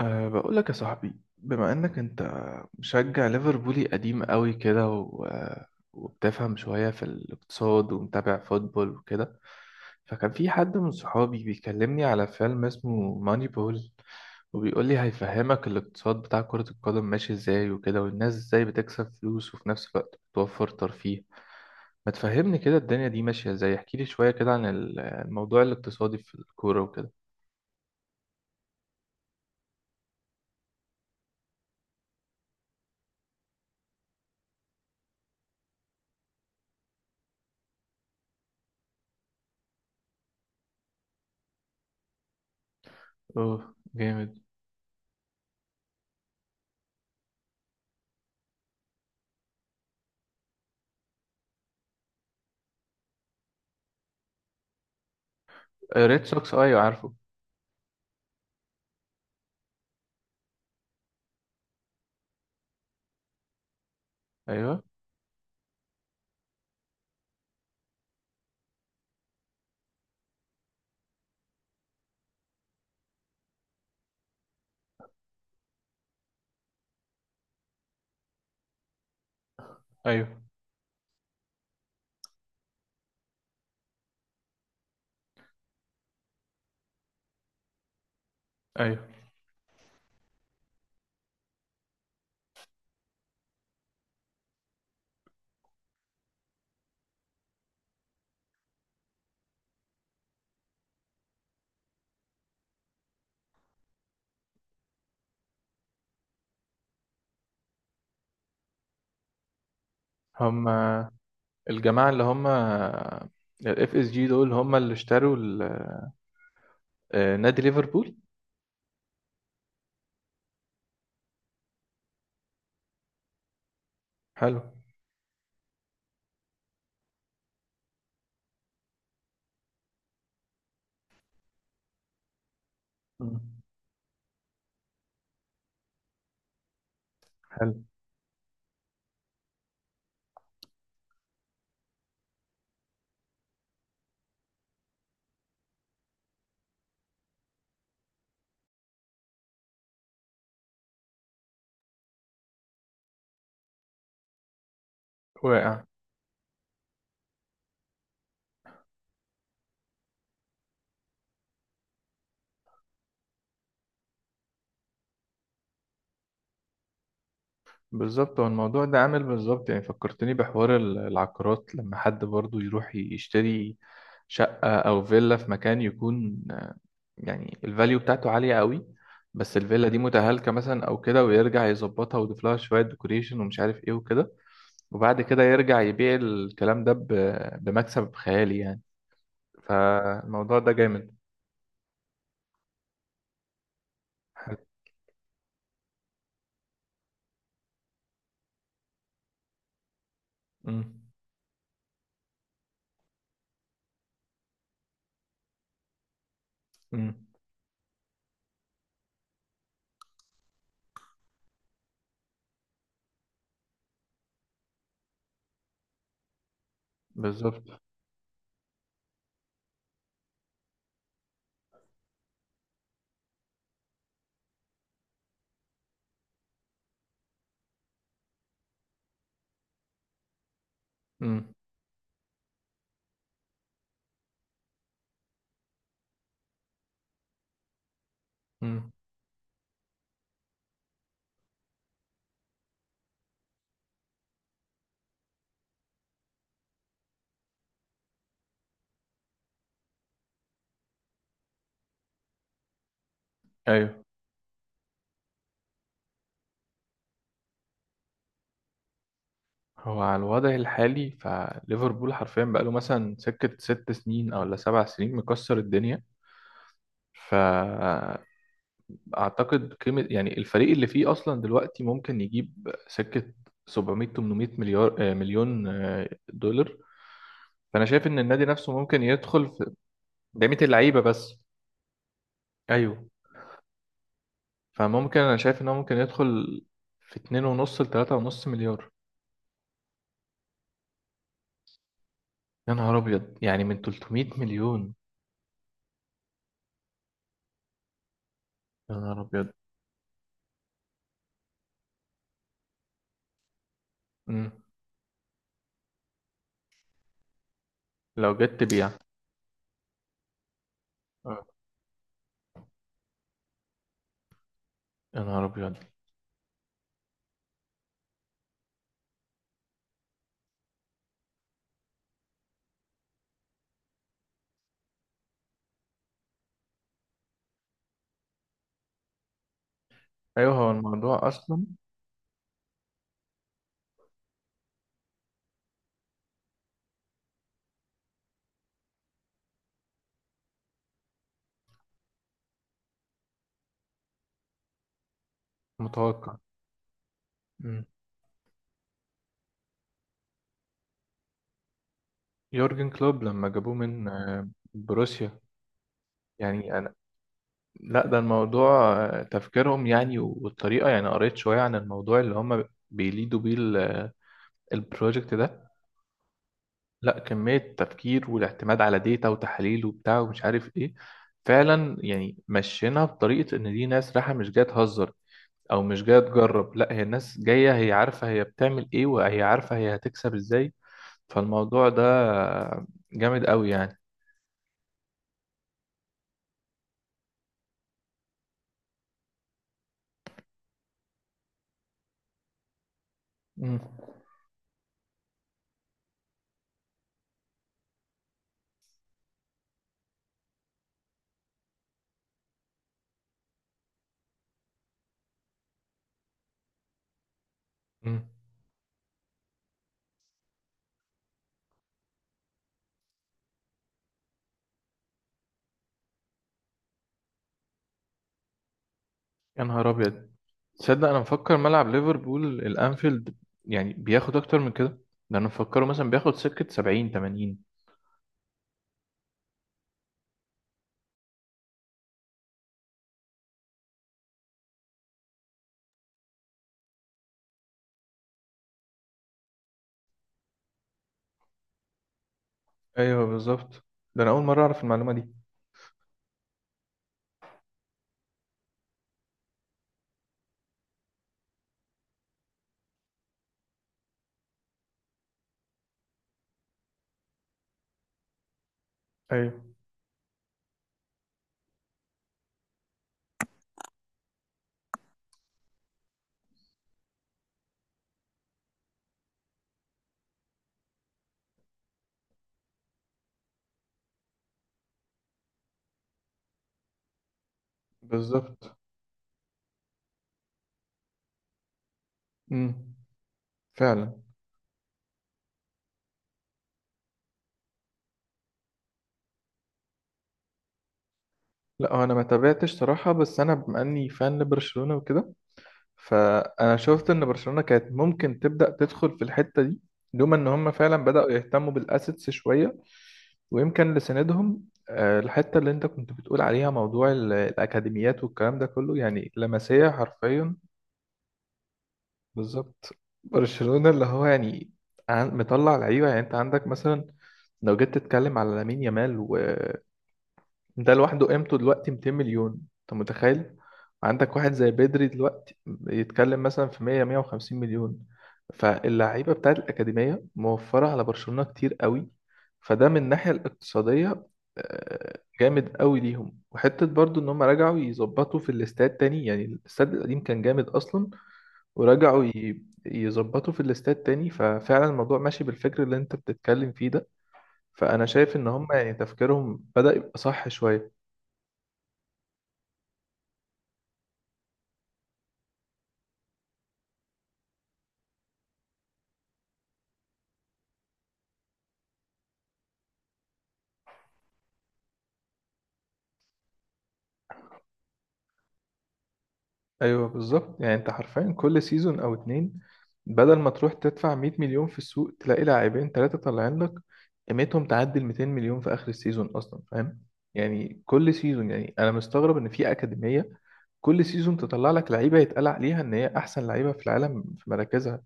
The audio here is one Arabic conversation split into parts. بقول لك يا صاحبي، بما انك انت مشجع ليفربولي قديم قوي كده و... آه، وبتفهم شوية في الاقتصاد ومتابع فوتبول وكده، فكان في حد من صحابي بيكلمني على فيلم اسمه ماني بول، وبيقول لي هيفهمك الاقتصاد بتاع كرة القدم ماشي ازاي وكده، والناس ازاي بتكسب فلوس وفي نفس الوقت بتوفر ترفيه. ما تفهمني كده الدنيا دي ماشية ازاي؟ احكي لي شوية كده عن الموضوع الاقتصادي في الكورة وكده. اوه، جامد. ريد سوكس، ايوه عارفه. ايوه، ايوه، ايوه، هم الجماعه اللي هم الاف اس جي دول هم اللي اشتروا نادي ليفربول. حلو. مم. حلو. واقع. بالظبط، هو الموضوع ده عامل بالظبط، يعني فكرتني بحوار العقارات، لما حد برضو يروح يشتري شقة أو فيلا في مكان يكون يعني الفاليو بتاعته عالية قوي، بس الفيلا دي متهالكة مثلا او كده، ويرجع يظبطها ويضيف لها شوية ديكوريشن ومش عارف ايه وكده، وبعد كده يرجع يبيع الكلام ده ب- بمكسب خيالي يعني. فالموضوع ده جامد. حلو. مم. مم. بالظبط. مم. مم. ايوه. هو على الوضع الحالي، فليفربول حرفيا بقاله مثلا سكة 6 سنين او ولا 7 سنين مكسر الدنيا. ف اعتقد قيمه يعني الفريق اللي فيه اصلا دلوقتي ممكن يجيب سكه 700 800 مليار مليون دولار. فانا شايف ان النادي نفسه ممكن يدخل في قيمه اللعيبه بس. ايوه. فممكن انا شايف ان هو ممكن يدخل في 2 ونص ل 3 ونص مليار. يا نهار ابيض، يعني من 300 مليون؟ يا نهار ابيض. مم. لو جت تبيع. آه. يا نهار ابيض. ايوه، هو الموضوع اصلا متوقع. مم. يورجن كلوب لما جابوه من بروسيا، يعني. لا، ده الموضوع تفكيرهم يعني، والطريقة، يعني قريت شوية عن الموضوع اللي هم بيليدوا بيه البروجكت ده. لا، كمية تفكير والاعتماد على ديتا وتحاليل وبتاع ومش عارف ايه، فعلا يعني مشينا بطريقة ان دي ناس رايحة مش جاية تهزر او مش جاية تجرب، لا هي الناس جاية هي عارفة هي بتعمل ايه وهي عارفة هي هتكسب ازاي. فالموضوع ده جامد قوي يعني. مم. مم. يا نهار ابيض، تصدق انا مفكر ملعب ليفربول الانفيلد يعني بياخد اكتر من كده، ده انا مفكره مثلا بياخد سكة 70 80. ايوه بالظبط. ده انا اول مره اعرف المعلومه دي. ايوه بالظبط. امم. فعلا. لا هو انا ما تابعتش صراحه، بس انا بما اني فان لبرشلونه وكده، فانا شفت ان برشلونه كانت ممكن تبدا تدخل في الحته دي، لولا ان هم فعلا بداوا يهتموا بالاسيتس شويه. ويمكن لسندهم الحتة اللي انت كنت بتقول عليها، موضوع الأكاديميات والكلام ده كله، يعني لمسية حرفيا. بالظبط. برشلونة اللي هو يعني مطلع لعيبة، يعني انت عندك مثلا لو جيت تتكلم على لامين يامال، ده لوحده قيمته دلوقتي 200 مليون، انت متخيل؟ عندك واحد زي بدري دلوقتي يتكلم مثلا في 100 150 مليون. فاللعيبه بتاعت الاكاديميه موفره على برشلونه كتير قوي. فده من الناحيه الاقتصاديه جامد قوي ليهم. وحته برضو ان هم رجعوا يظبطوا في الاستاد تاني، يعني الاستاد القديم كان جامد اصلا، ورجعوا يظبطوا في الاستاد تاني، ففعلا الموضوع ماشي بالفكر اللي انت بتتكلم فيه ده. فانا شايف ان هم يعني تفكيرهم بدأ يبقى صح شويه. ايوه بالظبط، يعني انت حرفيا كل سيزون او اتنين، بدل ما تروح تدفع 100 مليون في السوق تلاقي لاعبين ثلاثه طالعين لك قيمتهم تعدي ال 200 مليون في اخر السيزون اصلا، فاهم يعني؟ كل سيزون، يعني انا مستغرب ان في اكاديميه كل سيزون تطلع لك لعيبه يتقال عليها ان هي احسن لعيبه في العالم في مراكزها.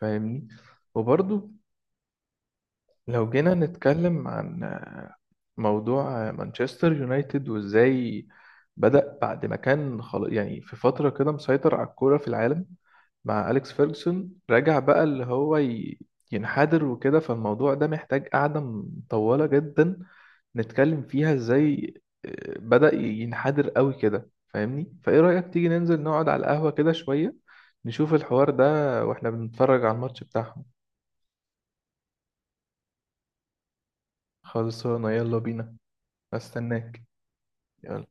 فاهمني. وبرضه لو جينا نتكلم عن موضوع مانشستر يونايتد، وازاي بدأ بعد ما كان خلاص، يعني في فترة كده مسيطر على الكورة في العالم مع أليكس فيرجسون، رجع بقى اللي هو ينحدر وكده. فالموضوع ده محتاج قعدة مطولة جدا نتكلم فيها ازاي بدأ ينحدر قوي كده، فاهمني؟ فايه رأيك تيجي ننزل نقعد على القهوة كده شوية، نشوف الحوار ده واحنا بنتفرج على الماتش بتاعهم. خلصانة، يلا بينا. استناك. يلا.